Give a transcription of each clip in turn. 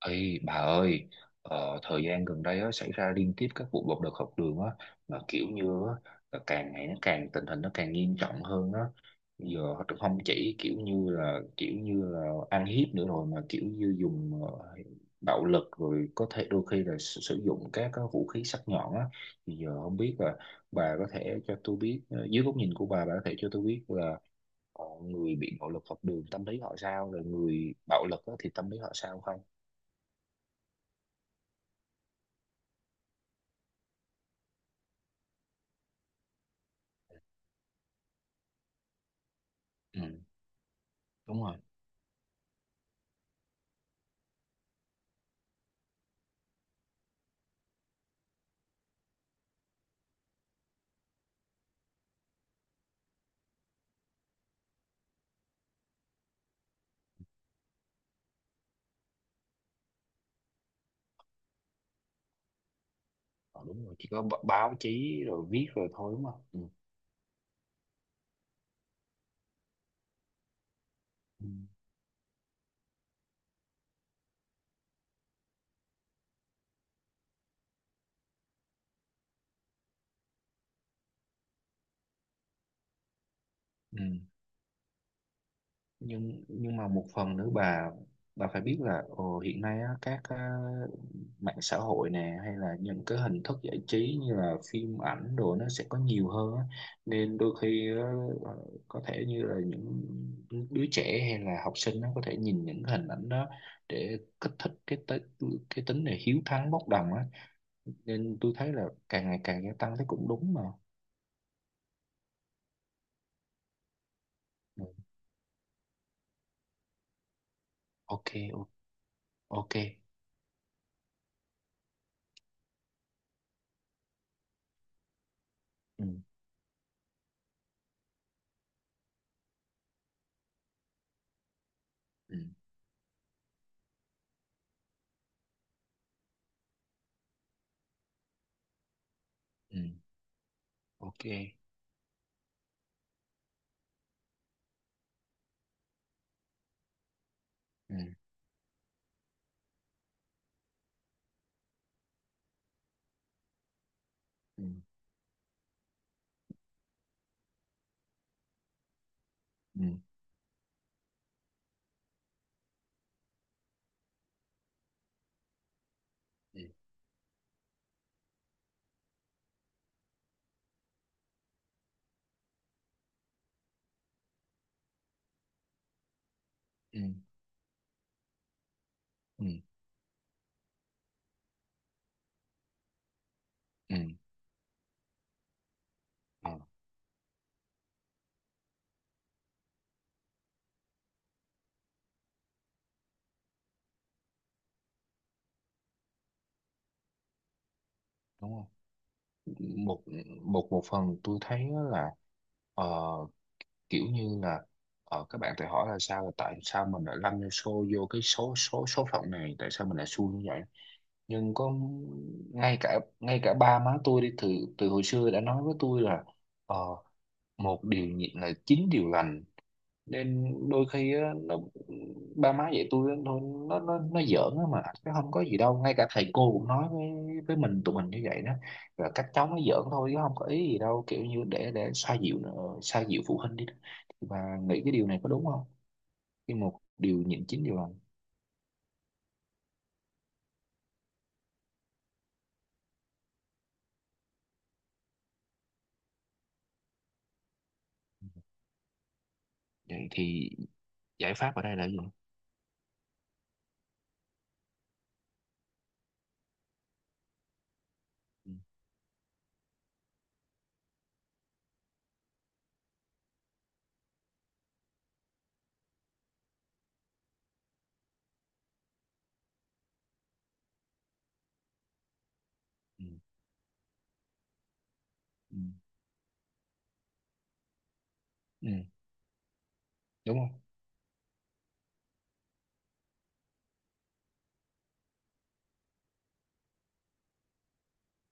Ê, bà ơi, thời gian gần đây á, xảy ra liên tiếp các vụ bạo lực học đường á, mà kiểu như á, là càng ngày nó càng tình hình nó càng nghiêm trọng hơn á. Bây giờ họ không chỉ kiểu như là ăn hiếp nữa rồi mà kiểu như dùng bạo lực rồi có thể đôi khi là sử dụng các cái vũ khí sắc nhọn á. Thì giờ không biết là bà có thể cho tôi biết dưới góc nhìn của bà có thể cho tôi biết là người bị bạo lực học đường tâm lý họ sao, rồi người bạo lực á, thì tâm lý họ sao không? Ừ. Đúng rồi. Ờ, đúng rồi, chỉ có báo chí rồi viết rồi thôi, đúng không? Ừ. Ừ. Ừ. Nhưng mà một phần nữa bà phải biết là ồ, hiện nay á, các mạng xã hội nè hay là những cái hình thức giải trí như là phim ảnh đồ nó sẽ có nhiều hơn á. Nên đôi khi ờ, có thể như là những đứa trẻ hay là học sinh nó có thể nhìn những cái hình ảnh đó để kích thích cái tính này hiếu thắng bốc đồng á, nên tôi thấy là càng ngày càng gia tăng thấy cũng đúng mà. Ừ. Ok. o- ok. Ừ. Ừ. Ừ. Ok. Ừ. Ừ. Ừ. Ừ. Ừ. Ừ. Ừ. Ờ, đúng không? Một một một phần tôi thấy á là ờ, kiểu như là các bạn tự hỏi là sao, là tại sao mình lại lăn vô vô cái số số số phận này, tại sao mình lại xui như vậy. Nhưng có, ngay cả ba má tôi đi từ từ hồi xưa đã nói với tôi là ờ, một điều nhịn là chín điều lành. Nên đôi khi á, nó, ba má dạy tôi á, thôi nó giỡn á mà, cái không có gì đâu, ngay cả thầy cô cũng nói với mình, tụi mình như vậy đó, và các cháu nó giỡn thôi chứ không có ý gì đâu, kiểu như để xoa dịu nữa, xoa dịu phụ huynh đi đó. Và nghĩ cái điều này có đúng không, khi một điều nhịn chín điều lành? Vậy thì giải pháp ở đây là gì? Ừ. Ừ. Ừ. Ừ. Đúng không?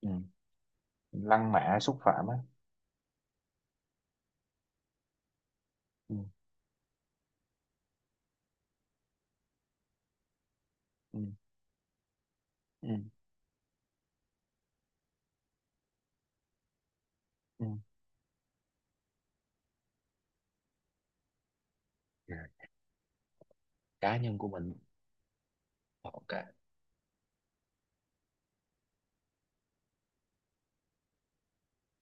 Ừ. Lăng mạ xúc phạm á. Ừ. Ừ. Ừ. Ừ. Cá nhân của mình. Họ cả.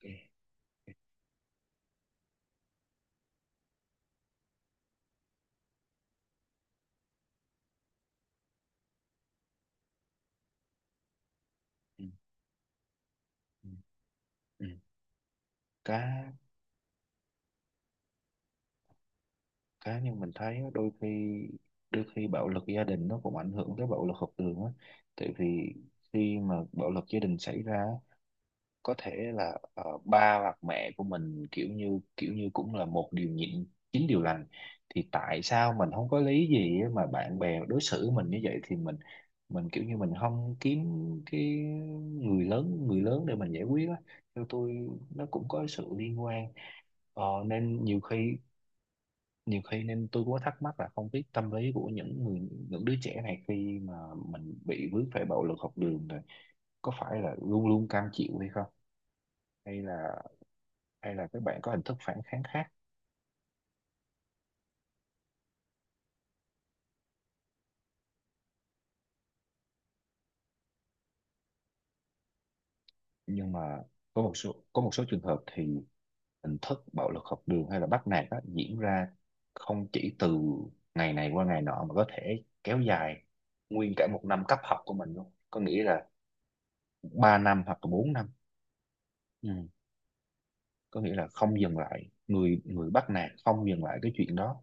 Ừ. Ừ. Ừ. cá cá nhưng mình thấy á, đôi khi, đôi khi bạo lực gia đình nó cũng ảnh hưởng tới bạo lực học đường á, tại vì khi mà bạo lực gia đình xảy ra á, có thể là ba hoặc mẹ của mình kiểu như cũng là một điều nhịn chín điều lành, thì tại sao mình không có lý gì á mà bạn bè đối xử mình như vậy, thì mình kiểu như mình không kiếm cái người lớn để mình giải quyết á. Theo tôi nó cũng có sự liên quan. Ờ, nên nhiều khi, nhiều khi nên tôi cũng có thắc mắc là không biết tâm lý của những người, những đứa trẻ này khi mà mình bị vướng phải bạo lực học đường rồi có phải là luôn luôn cam chịu hay không, hay là, hay là các bạn có hình thức phản kháng khác. Nhưng mà có một số, có một số trường hợp thì hình thức bạo lực học đường hay là bắt nạt á, diễn ra không chỉ từ ngày này qua ngày nọ mà có thể kéo dài nguyên cả một năm cấp học của mình luôn, có nghĩa là 3 năm hoặc là 4 năm. Ừ. Có nghĩa là không dừng lại, người người bắt nạt không dừng lại cái chuyện đó.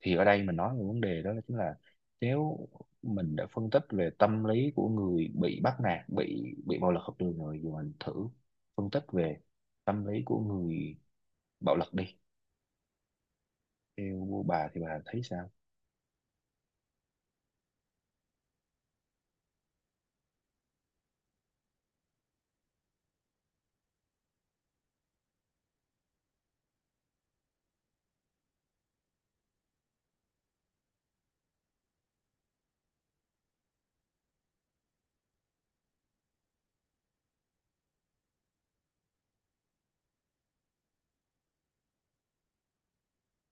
Thì ở đây mình nói về vấn đề đó là chính là, nếu mình đã phân tích về tâm lý của người bị bắt nạt, bị bạo lực học đường rồi, giờ mình thử phân tích về tâm lý của người bạo lực đi. Theo bà thì bà thấy sao?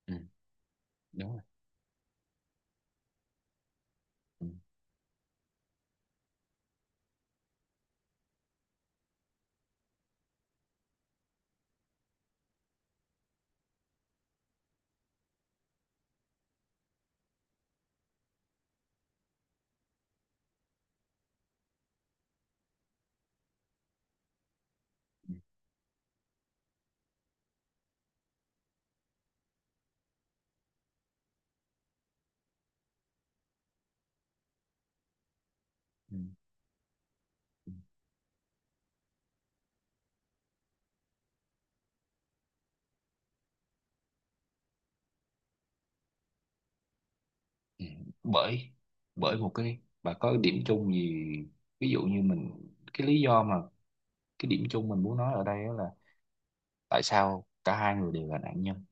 Ừ, đúng rồi. Ừ. Ừ. Ừ. Ừ. Ừ, bởi, bởi một cái bà có cái điểm chung gì, ví dụ như mình, cái lý do mà, cái điểm chung mình muốn nói ở đây á là tại sao cả hai người đều là nạn nhân,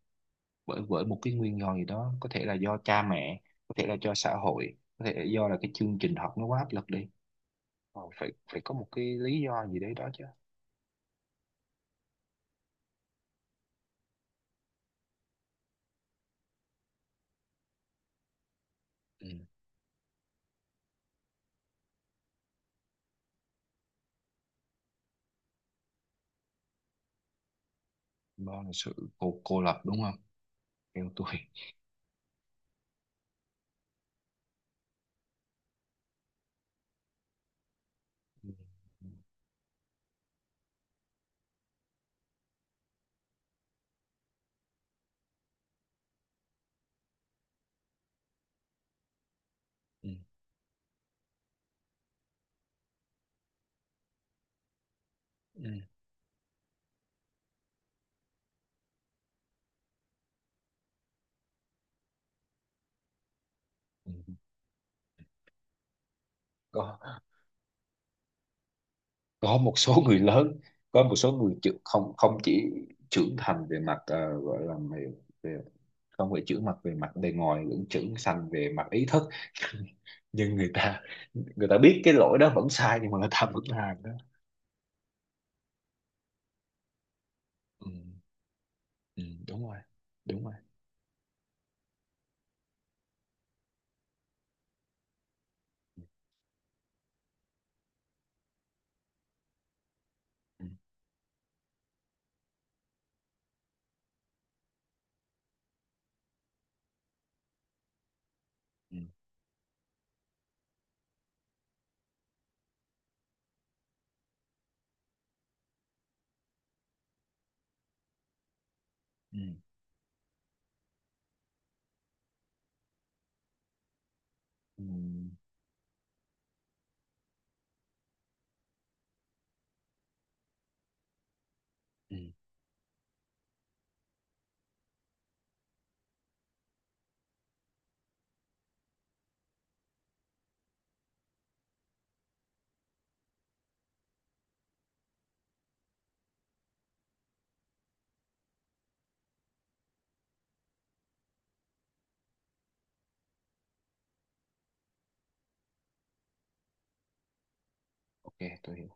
bởi bởi một cái nguyên do gì đó, có thể là do cha mẹ, có thể là do xã hội, có thể là do là cái chương trình học nó quá áp lực đi. Ờ, phải phải có một cái lý do gì đấy đó chứ. Ừ. Do là sự cô lập, đúng không? Theo tôi. Ừ. Ừ. Ừ. Ừ. Có. Có một số người lớn, có một số không, không chỉ trưởng thành về mặt gọi là về, về, không phải trưởng mặt về mặt bề ngoài lẫn trưởng thành về mặt ý thức, nhưng người ta, người ta biết cái lỗi đó vẫn sai nhưng mà người ta vẫn làm đó. Ừ. Ừ, đúng rồi. Đúng rồi. Ừ. Ừ. Ừ. Ừ. Ừ. Ừ. Ok. Tôi hiểu.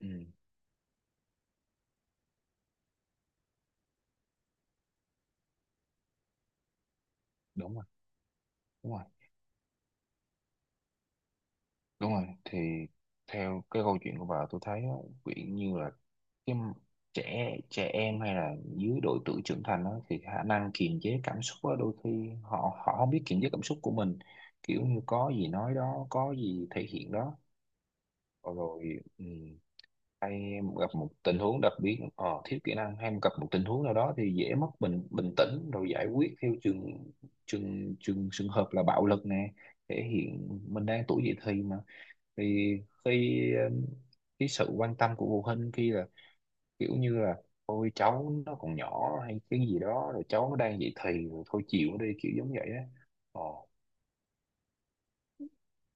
Ừ, đúng rồi. Đúng rồi. Đúng rồi. Thì theo cái câu chuyện của bà tôi thấy á, kiểu như là cái m- trẻ, trẻ em hay là dưới độ tuổi trưởng thành đó, thì khả năng kiềm chế cảm xúc á, đôi khi họ họ không biết kiềm chế cảm xúc của mình, kiểu như có gì nói đó, có gì thể hiện đó. Ờ, rồi ừ, hay gặp một tình huống đặc biệt thiếu kỹ năng hay gặp một tình huống nào đó thì dễ mất bình bình tĩnh rồi giải quyết theo trường trường trường trường hợp là bạo lực nè, thể hiện mình đang tuổi dậy thì mà. Thì khi cái sự quan tâm của phụ huynh khi là kiểu như là ôi cháu nó còn nhỏ hay cái gì đó, rồi cháu nó đang dậy thì rồi thôi chịu đi kiểu giống vậy á. Ờ.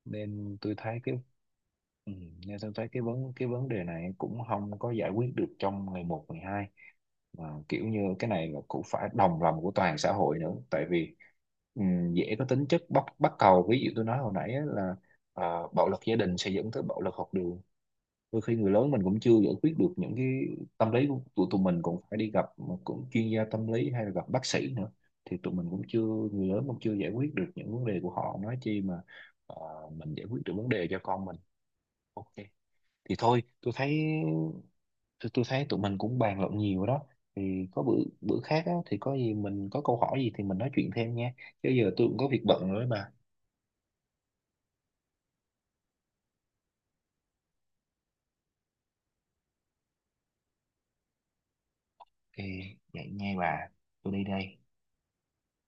Nên tôi thấy cái, ừ, nên tôi thấy cái cái vấn đề này cũng không có giải quyết được trong ngày một ngày hai, mà kiểu như cái này là cũng phải đồng lòng của toàn xã hội nữa, tại vì dễ có tính chất bắt bắt cầu, ví dụ tôi nói hồi nãy á là bạo lực gia đình sẽ dẫn tới bạo lực học đường. Đôi khi người lớn mình cũng chưa giải quyết được những cái tâm lý của tụi tụi mình, cũng phải đi gặp cũng chuyên gia tâm lý hay là gặp bác sĩ nữa, thì tụi mình cũng chưa, người lớn cũng chưa giải quyết được những vấn đề của họ, nói chi mà ờ, mình giải quyết được vấn đề cho con mình. Ok, thì thôi tôi thấy, tôi thấy tụi mình cũng bàn luận nhiều đó, thì có bữa, bữa khác á, thì có gì mình có câu hỏi gì thì mình nói chuyện thêm nha, chứ giờ tôi cũng có việc bận rồi đó bà. Thì vậy nha bà. Tôi đi đây.